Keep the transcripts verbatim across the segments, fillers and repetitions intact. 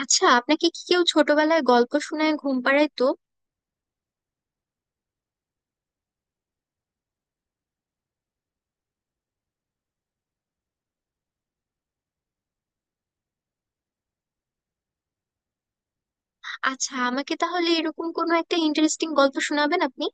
আচ্ছা, আপনাকে কি কেউ ছোটবেলায় গল্প শোনায়, ঘুম পাড়ায় তো? আচ্ছা, আমাকে তাহলে এরকম কোনো একটা ইন্টারেস্টিং গল্প শোনাবেন আপনি।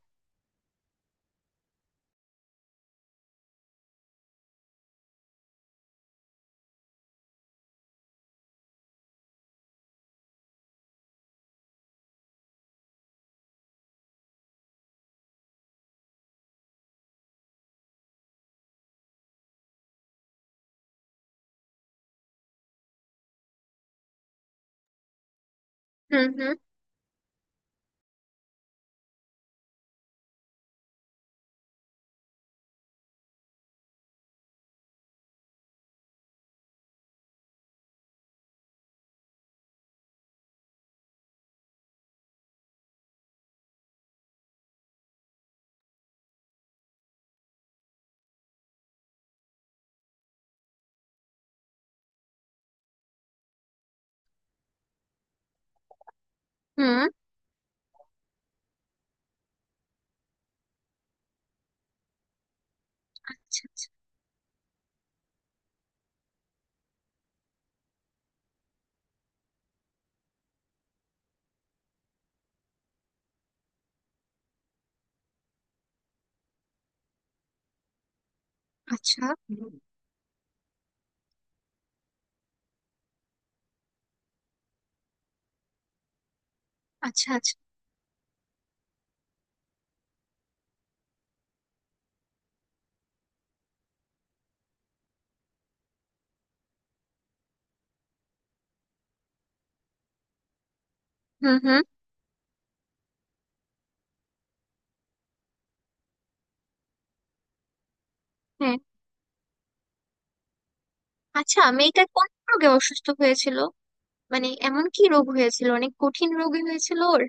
হুম, হুম। হুম। আচ্ছা, আচ্ছা। আচ্ছা, আচ্ছা। হুম, হুম। হ্যাঁ। আচ্ছা, মেয়েটা কোন রোগে অসুস্থ হয়েছিল? মানে এমন কি রোগ হয়েছিল, অনেক কঠিন রোগী হয়েছিল ওর?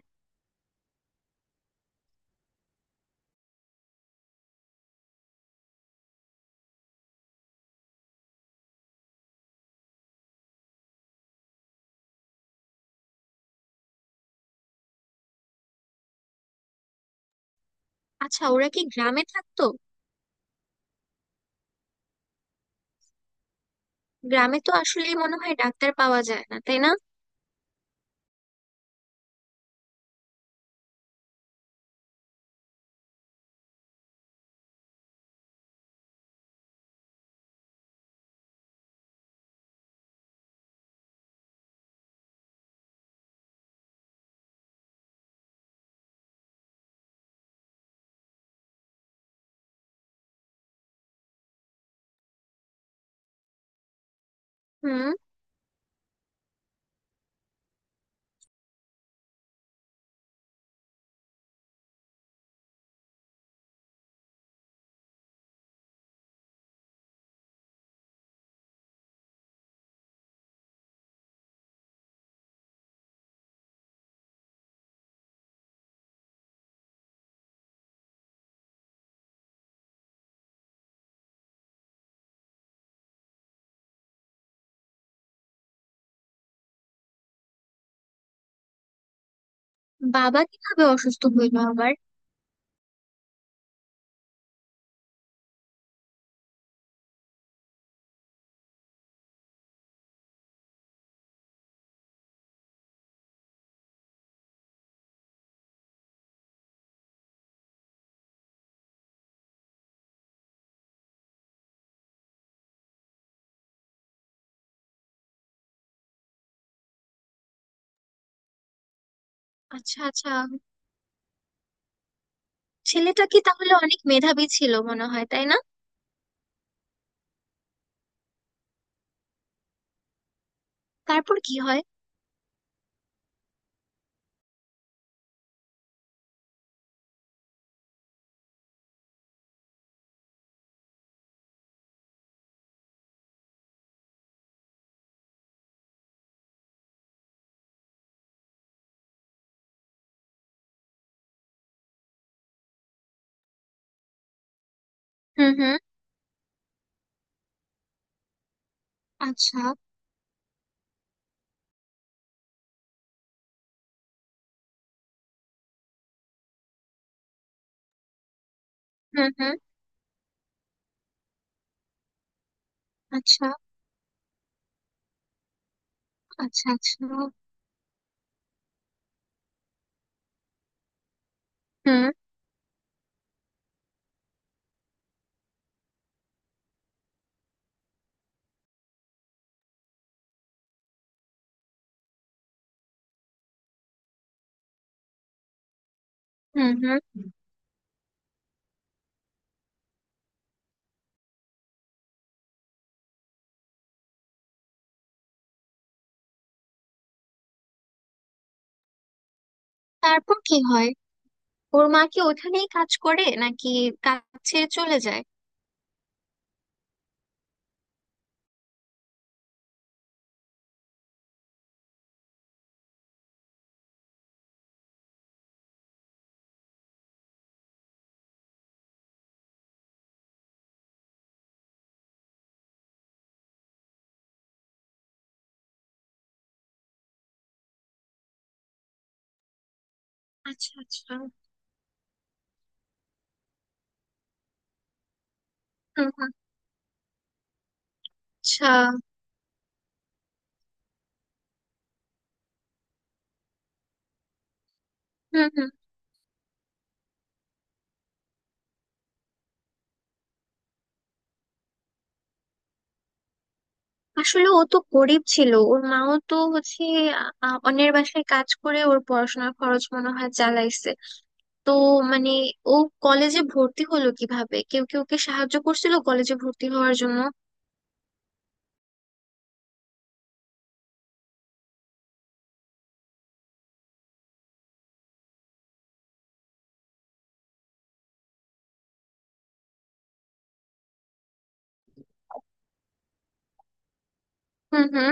আচ্ছা, ওরা কি গ্রামে থাকতো? গ্রামে তো আসলে মনে হয় ডাক্তার পাওয়া যায় না, তাই না? হুম। বাবা কিভাবে অসুস্থ হইলো আবার? আচ্ছা, আচ্ছা। ছেলেটা কি তাহলে অনেক মেধাবী ছিল মনে হয়, তাই না? তারপর কি হয়? হুম, হুম। আচ্ছা। হুম, হুম। আচ্ছা, আচ্ছা। আচ্ছা। হুম, হুম। হুম। তারপর কি হয়? ওর মা কি ওখানেই কাজ করে নাকি কাজ ছেড়ে চলে যায়? আচ্ছা, আচ্ছা। হুম, হুম। আচ্ছা। হুম, হুম। আসলে ও তো গরিব ছিল, ওর মাও তো হচ্ছে আ, অন্যের বাসায় কাজ করে ওর পড়াশোনার খরচ মনে হয় চালাইছে। তো মানে ও কলেজে ভর্তি হলো কিভাবে? কেউ কি ওকে সাহায্য করছিল কলেজে ভর্তি হওয়ার জন্য? হুম, হুম।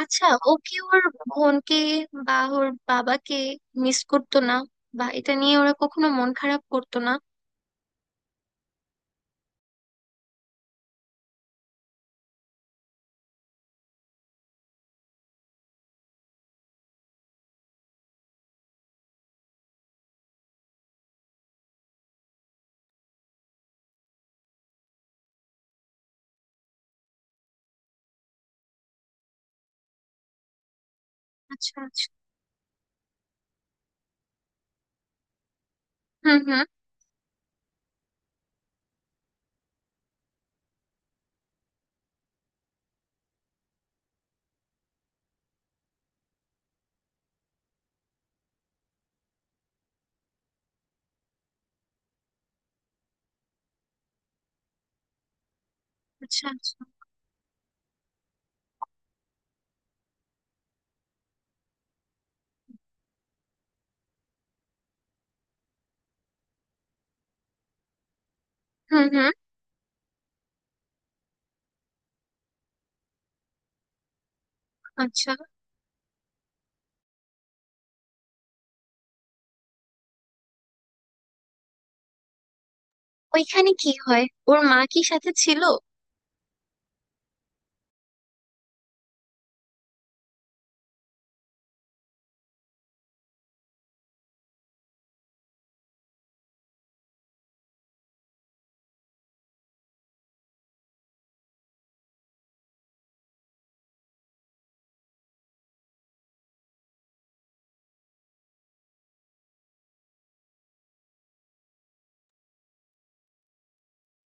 আচ্ছা, ও কি ওর বোনকে বা ওর বাবাকে মিস করতো না? বা এটা নিয়ে ওরা কখনো মন খারাপ করতো না? আচ্ছা, আচ্ছা। হুম, হুম। আচ্ছা, আচ্ছা। হুম, হুম। আচ্ছা, ওইখানে কি হয়? ওর মা কি সাথে ছিল?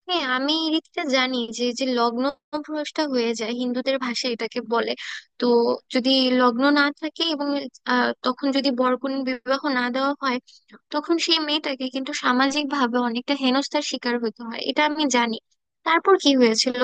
হ্যাঁ, আমি এই দিকটা জানি যে যে লগ্ন ভ্রষ্ট হয়ে যায়, হিন্দুদের ভাষায় এটাকে বলে। তো যদি লগ্ন না থাকে এবং আহ, তখন যদি বরকনে বিবাহ না দেওয়া হয়, তখন সেই মেয়েটাকে কিন্তু সামাজিক ভাবে অনেকটা হেনস্থার শিকার হতে হয়, এটা আমি জানি। তারপর কি হয়েছিল?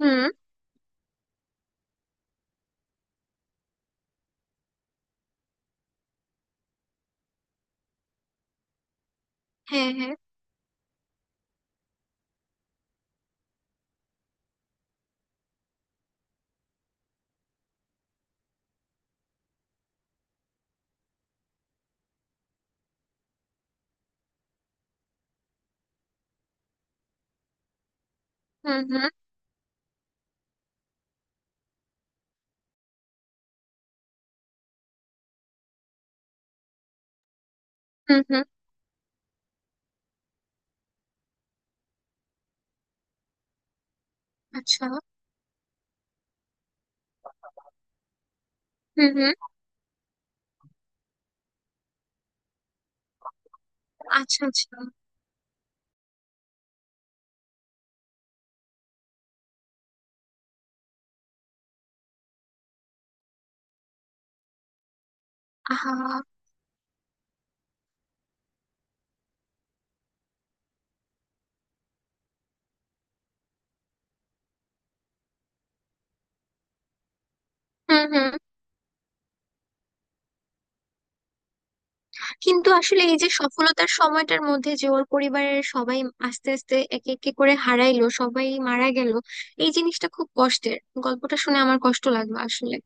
হুম। হ্যাঁ, হ্যাঁ। হুম, হুম। হুম, হুম। আচ্ছা। হুম, হুম। আচ্ছা, আচ্ছা। আহা। হুম, হুম। কিন্তু আসলে এই যে সফলতার সময়টার মধ্যে যে ওর পরিবারের সবাই আস্তে আস্তে একে একে করে হারাইলো, সবাই মারা গেল, এই জিনিসটা খুব কষ্টের। গল্পটা শুনে আমার কষ্ট লাগলো আসলে।